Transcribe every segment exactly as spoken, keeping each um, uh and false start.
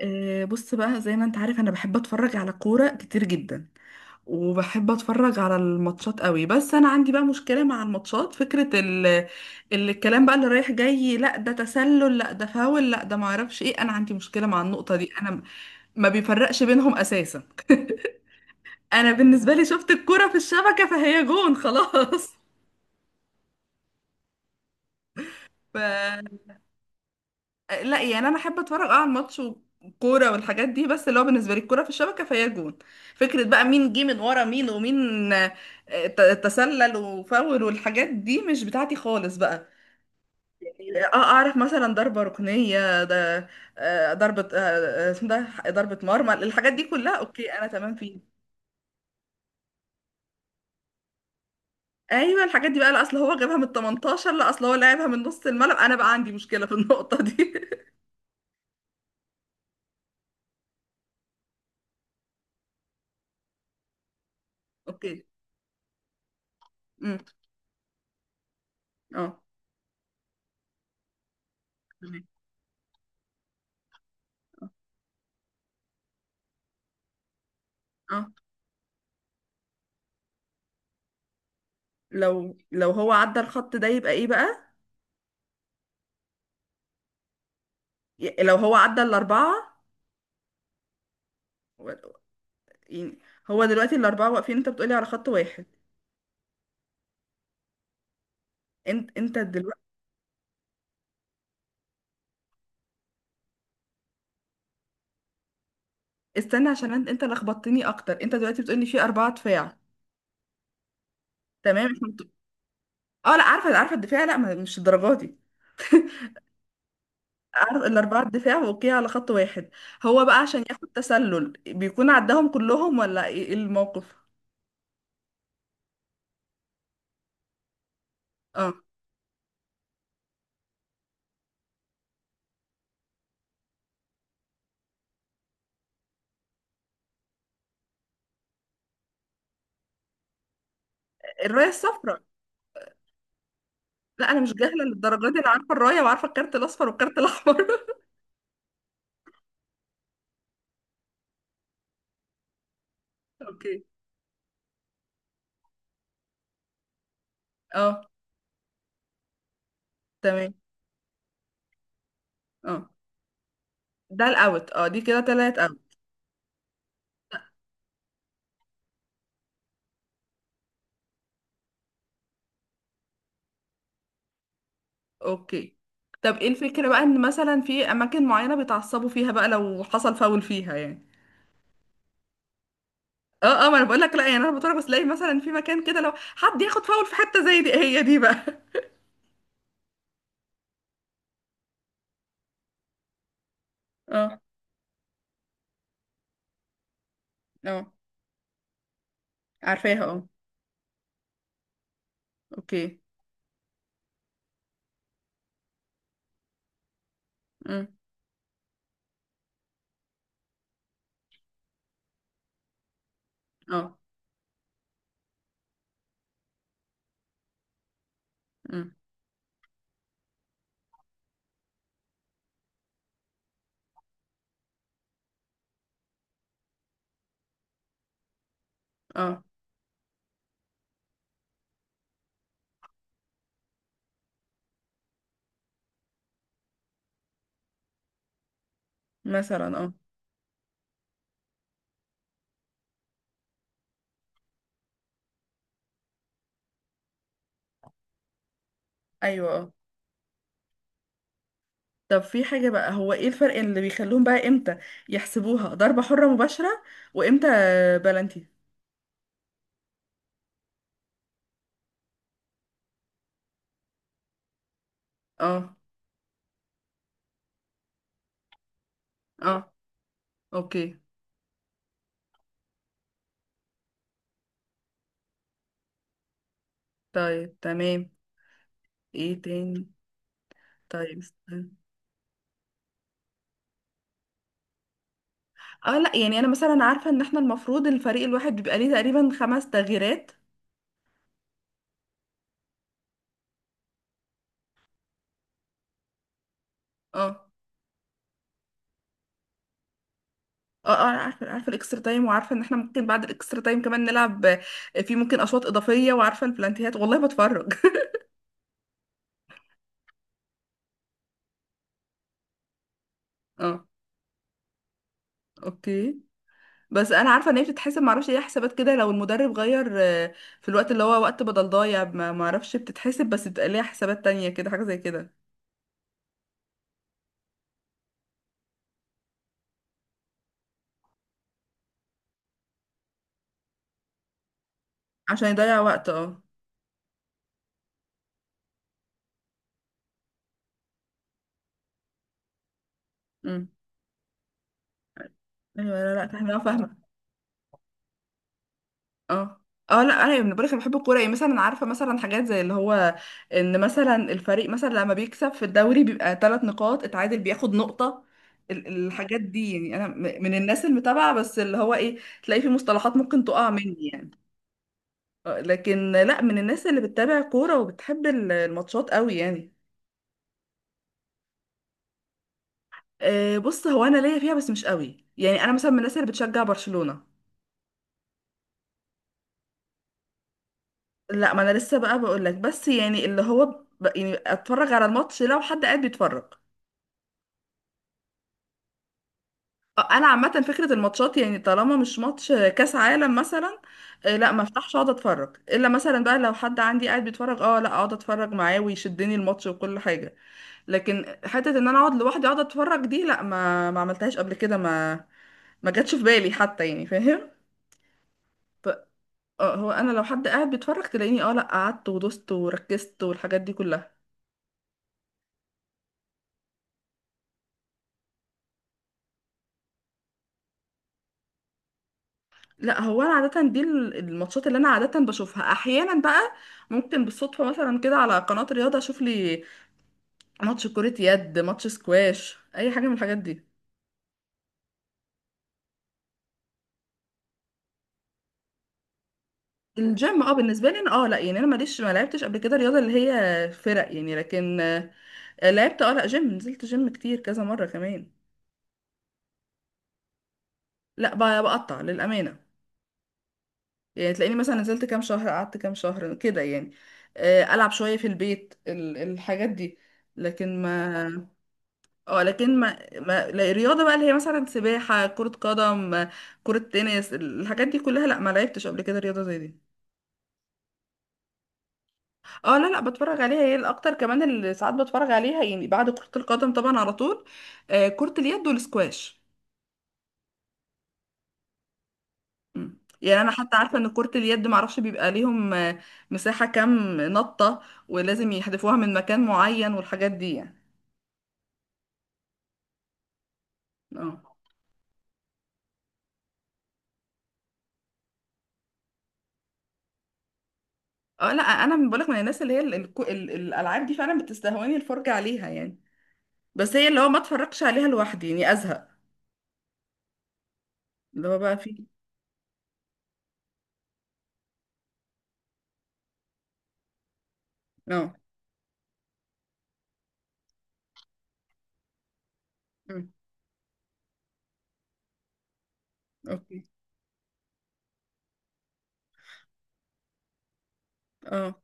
آه، بص بقى زي ما انت عارف، انا بحب اتفرج على كورة كتير جدا، وبحب اتفرج على الماتشات قوي. بس انا عندي بقى مشكلة مع الماتشات. فكرة ال... الكلام بقى اللي رايح جاي، لا ده تسلل، لا ده فاول، لا ده معرفش ايه. انا عندي مشكلة مع النقطة دي، انا ما بيفرقش بينهم اساسا. انا بالنسبة لي شفت الكورة في الشبكة فهي جون خلاص. ف لا يعني انا احب اتفرج اه على الماتش وكوره والحاجات دي، بس اللي هو بالنسبه لي الكوره في الشبكه فهي جون. فكره بقى مين جه من ورا مين ومين، آه، ت- تسلل وفاول والحاجات دي مش بتاعتي خالص بقى. اه آه، اعرف مثلا ضربه ركنيه ده، آه، ضربه آه، آه، اسمه ده ضربه مرمى. الحاجات دي كلها اوكي، انا تمام فيها. ايوه، الحاجات دي بقى لا اصل هو جابها من تمنتاشر، لا اصل هو لعبها من نص الملعب. انا بقى عندي مشكله في النقطه دي. اوكي. امم. اه. تمام. اه، لو لو هو عدى الخط ده يبقى ايه بقى؟ ي- لو هو عدى الأربعة و- يعني، هو دلوقتي الأربعة واقفين انت بتقولي على خط واحد. انت انت دلوقتي، استنى عشان انت انت لخبطتني اكتر. انت دلوقتي بتقولي في أربعة دفاع؟ تمام، احنا بت- اه لا، عارفة عارفة الدفاع، لا ما- مش الدرجات دي. عارف الأربعة الدفاع اوكي على خط واحد، هو بقى عشان ياخد تسلل بيكون عداهم كلهم ولا ايه إيه الموقف؟ اه. الراية الصفراء. لا، انا مش جاهلة للدرجات دي، انا عارفة الراية وعارفة الكارت الأصفر والكارت الأحمر. اوكي. اه. تمام. اه، ده الاوت. اه، دي كده تلات اوت. اوكي. طب ايه الفكرة بقى ان مثلا في اماكن معينة بيتعصبوا فيها بقى لو حصل فاول فيها يعني؟ اه اه، ما انا بقول لك، لا يعني انا بتفرج، بس الاقي مثلا في مكان كده لو حد ياخد فاول في حتة زي دي، هي دي بقى. اه اه. عارفاها. اه. اوكي. امم. اه. امم. اه. مثلا. اه. ايوه. اه. طب في حاجة بقى، هو ايه الفرق اللي بيخلوهم بقى امتى يحسبوها ضربة حرة مباشرة، وامتى بلنتي؟ اه. اه. اوكي. طيب، تمام. ايه تاني؟ طيب، استنى. اه لا يعني، انا مثلا عارفه ان احنا المفروض الفريق الواحد بيبقى ليه تقريبا خمس تغييرات. اه. اه اه، عارفه عارفه الاكسترا تايم، وعارفه ان احنا ممكن بعد الاكسترا تايم كمان نلعب، آه، في ممكن اشواط اضافيه، وعارفه البلانتيهات. والله بتفرج. اه. اوكي. بس انا عارفه ان هي بتتحسب معرفش ايه حسابات كده، لو المدرب غير آه، في الوقت اللي هو وقت بدل ضايع، ما معرفش بتتحسب، بس بتبقى ليها حسابات تانية كده، حاجه زي كده. عشان يضيع وقت، اه. امم. ايوه، لا لا، احنا فاهمه. اه. اه لا، انا من بقولك انا بحب الكوره، يعني مثلا عارفه مثلا حاجات زي اللي هو ان مثلا الفريق مثلا لما بيكسب في الدوري بيبقى ثلاث نقاط، اتعادل بياخد نقطه. ال- الحاجات دي يعني، انا م- من الناس المتابعه، بس اللي هو ايه، تلاقي في مصطلحات ممكن تقع مني يعني. آه، لكن لا، من الناس اللي بتتابع كوره وبتحب ال- الماتشات قوي يعني. أه، بص هو انا ليا فيها بس مش قوي يعني، انا مثلا من الناس اللي بتشجع برشلونه. لا، ما انا لسه بقى بقول لك، بس يعني اللي هو ب- يعني اتفرج على الماتش لو حد قاعد بيتفرج. انا عامه فكره الماتشات يعني، طالما مش ماتش كاس عالم مثلا آه، لا ما افتحش اقعد اتفرج، الا مثلا بقى لو حد عندي قاعد بيتفرج، اه لا اقعد اتفرج معاه ويشدني الماتش وكل حاجه. لكن حته ان انا اقعد لوحدي اقعد اتفرج دي، لا ما ما عملتهاش قبل كده، ما ما جاتش في بالي حتى، يعني فاهم. ف- آه، هو انا لو حد قاعد بيتفرج تلاقيني اه، لا قعدت ودوست وركزت والحاجات دي كلها. لا، هو انا عاده دي ال- الماتشات اللي انا عاده بشوفها احيانا بقى، ممكن بالصدفه مثلا كده على قناه رياضه اشوف لي ماتش كرة يد، ماتش سكواش، اي حاجة من الحاجات دي. الجيم، اه بالنسبة لي انا، اه لا يعني انا ماليش، ما لعبتش قبل كده رياضة اللي هي فرق يعني، لكن آه، لعبت، اه لا جيم، نزلت جيم كتير كذا مرة كمان. لا، ب- بقطع للأمانة، يعني تلاقيني مثلا نزلت كام شهر، قعدت كام شهر كده يعني. آه، ألعب شوية في البيت، ال- الحاجات دي، لكن ما. اه لكن ما, ما لا، الرياضة بقى اللي هي مثلا سباحة، كرة قدم، آه، كرة تنس، الحاجات دي كلها، لا ما لعبتش قبل كده رياضة زي دي. اه لا لا، بتفرج عليها، هي الاكتر كمان اللي ساعات بتفرج عليها يعني بعد كرة القدم طبعا على طول، آه كرة اليد والسكواش. مم. يعني انا حتى عارفة ان كرة اليد معرفش بيبقى ليهم آه، مساحة كام نطة ولازم يحذفوها من مكان معين والحاجات دي يعني. اه. اه لا، انا من بقولك من الناس اللي هي ال- الكو- ال- الالعاب دي فعلا بتستهواني الفرجة عليها يعني، بس هي اللي هو ما اتفرجش عليها لوحدي يعني ازهق، اللي هو بقى في. اه. مم. اوكي. اه.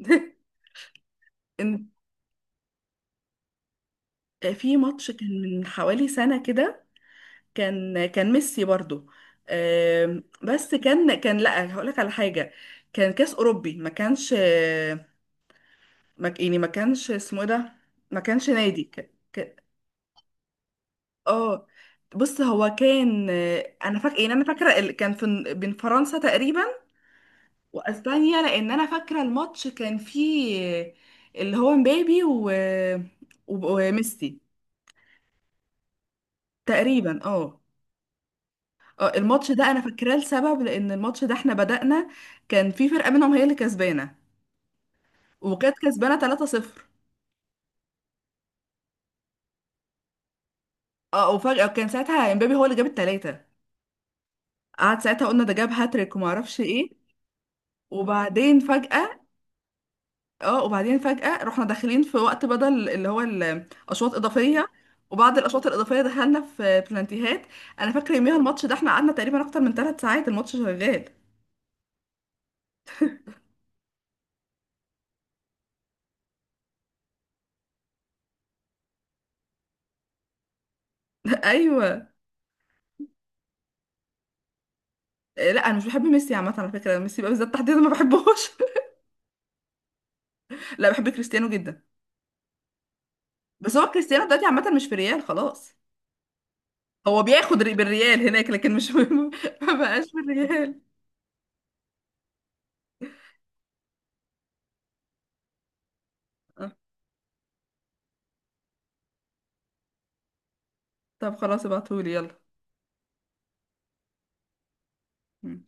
إن- آه، في ماتش كان من حوالي سنة كده، كان كان ميسي برضو، آم، بس كان كان لا، هقولك على حاجة. كان كاس أوروبي، ما كانش، ما ك- يعني ما كانش اسمه إيه ده، ما كانش نادي ك... ك... اه، بص هو كان، آه، انا فاكره، يعني انا فاكره ال- كان في بين فرنسا تقريبا واسبانيا، لان انا فاكره الماتش كان فيه آه، اللي هو مبابي و... و- وميسي تقريبا، اه. آه، الماتش ده انا فاكراه لسبب، لان الماتش ده احنا بدأنا كان في فرقة منهم هي اللي كسبانة، وكانت كسبانة ثلاثة صفر. اه، وفجأة كان ساعتها امبابي هو اللي جاب التلاتة. قعد ساعتها قلنا ده جاب هاتريك وما اعرفش ايه، وبعدين فجأة، اه وبعدين فجأة رحنا داخلين في وقت بدل اللي هو الاشواط اضافية، وبعد الاشواط الاضافية دخلنا في بلانتيهات. انا فاكرة يوميها الماتش ده احنا قعدنا تقريبا اكتر من ثلاث ساعات الماتش شغال. ايوه. آه، لا انا مش بحب ميسي عامه، على فكره ميسي بقى بالذات تحديدا ما بحبهوش. لا، بحب كريستيانو جدا. بس هو كريستيانو دلوقتي عامة مش في ريال خلاص. هو بياخد ري- بالريال هناك لكن مش ما بقاش بالريال. آه، طب خلاص ابعتهولي يلا. مم.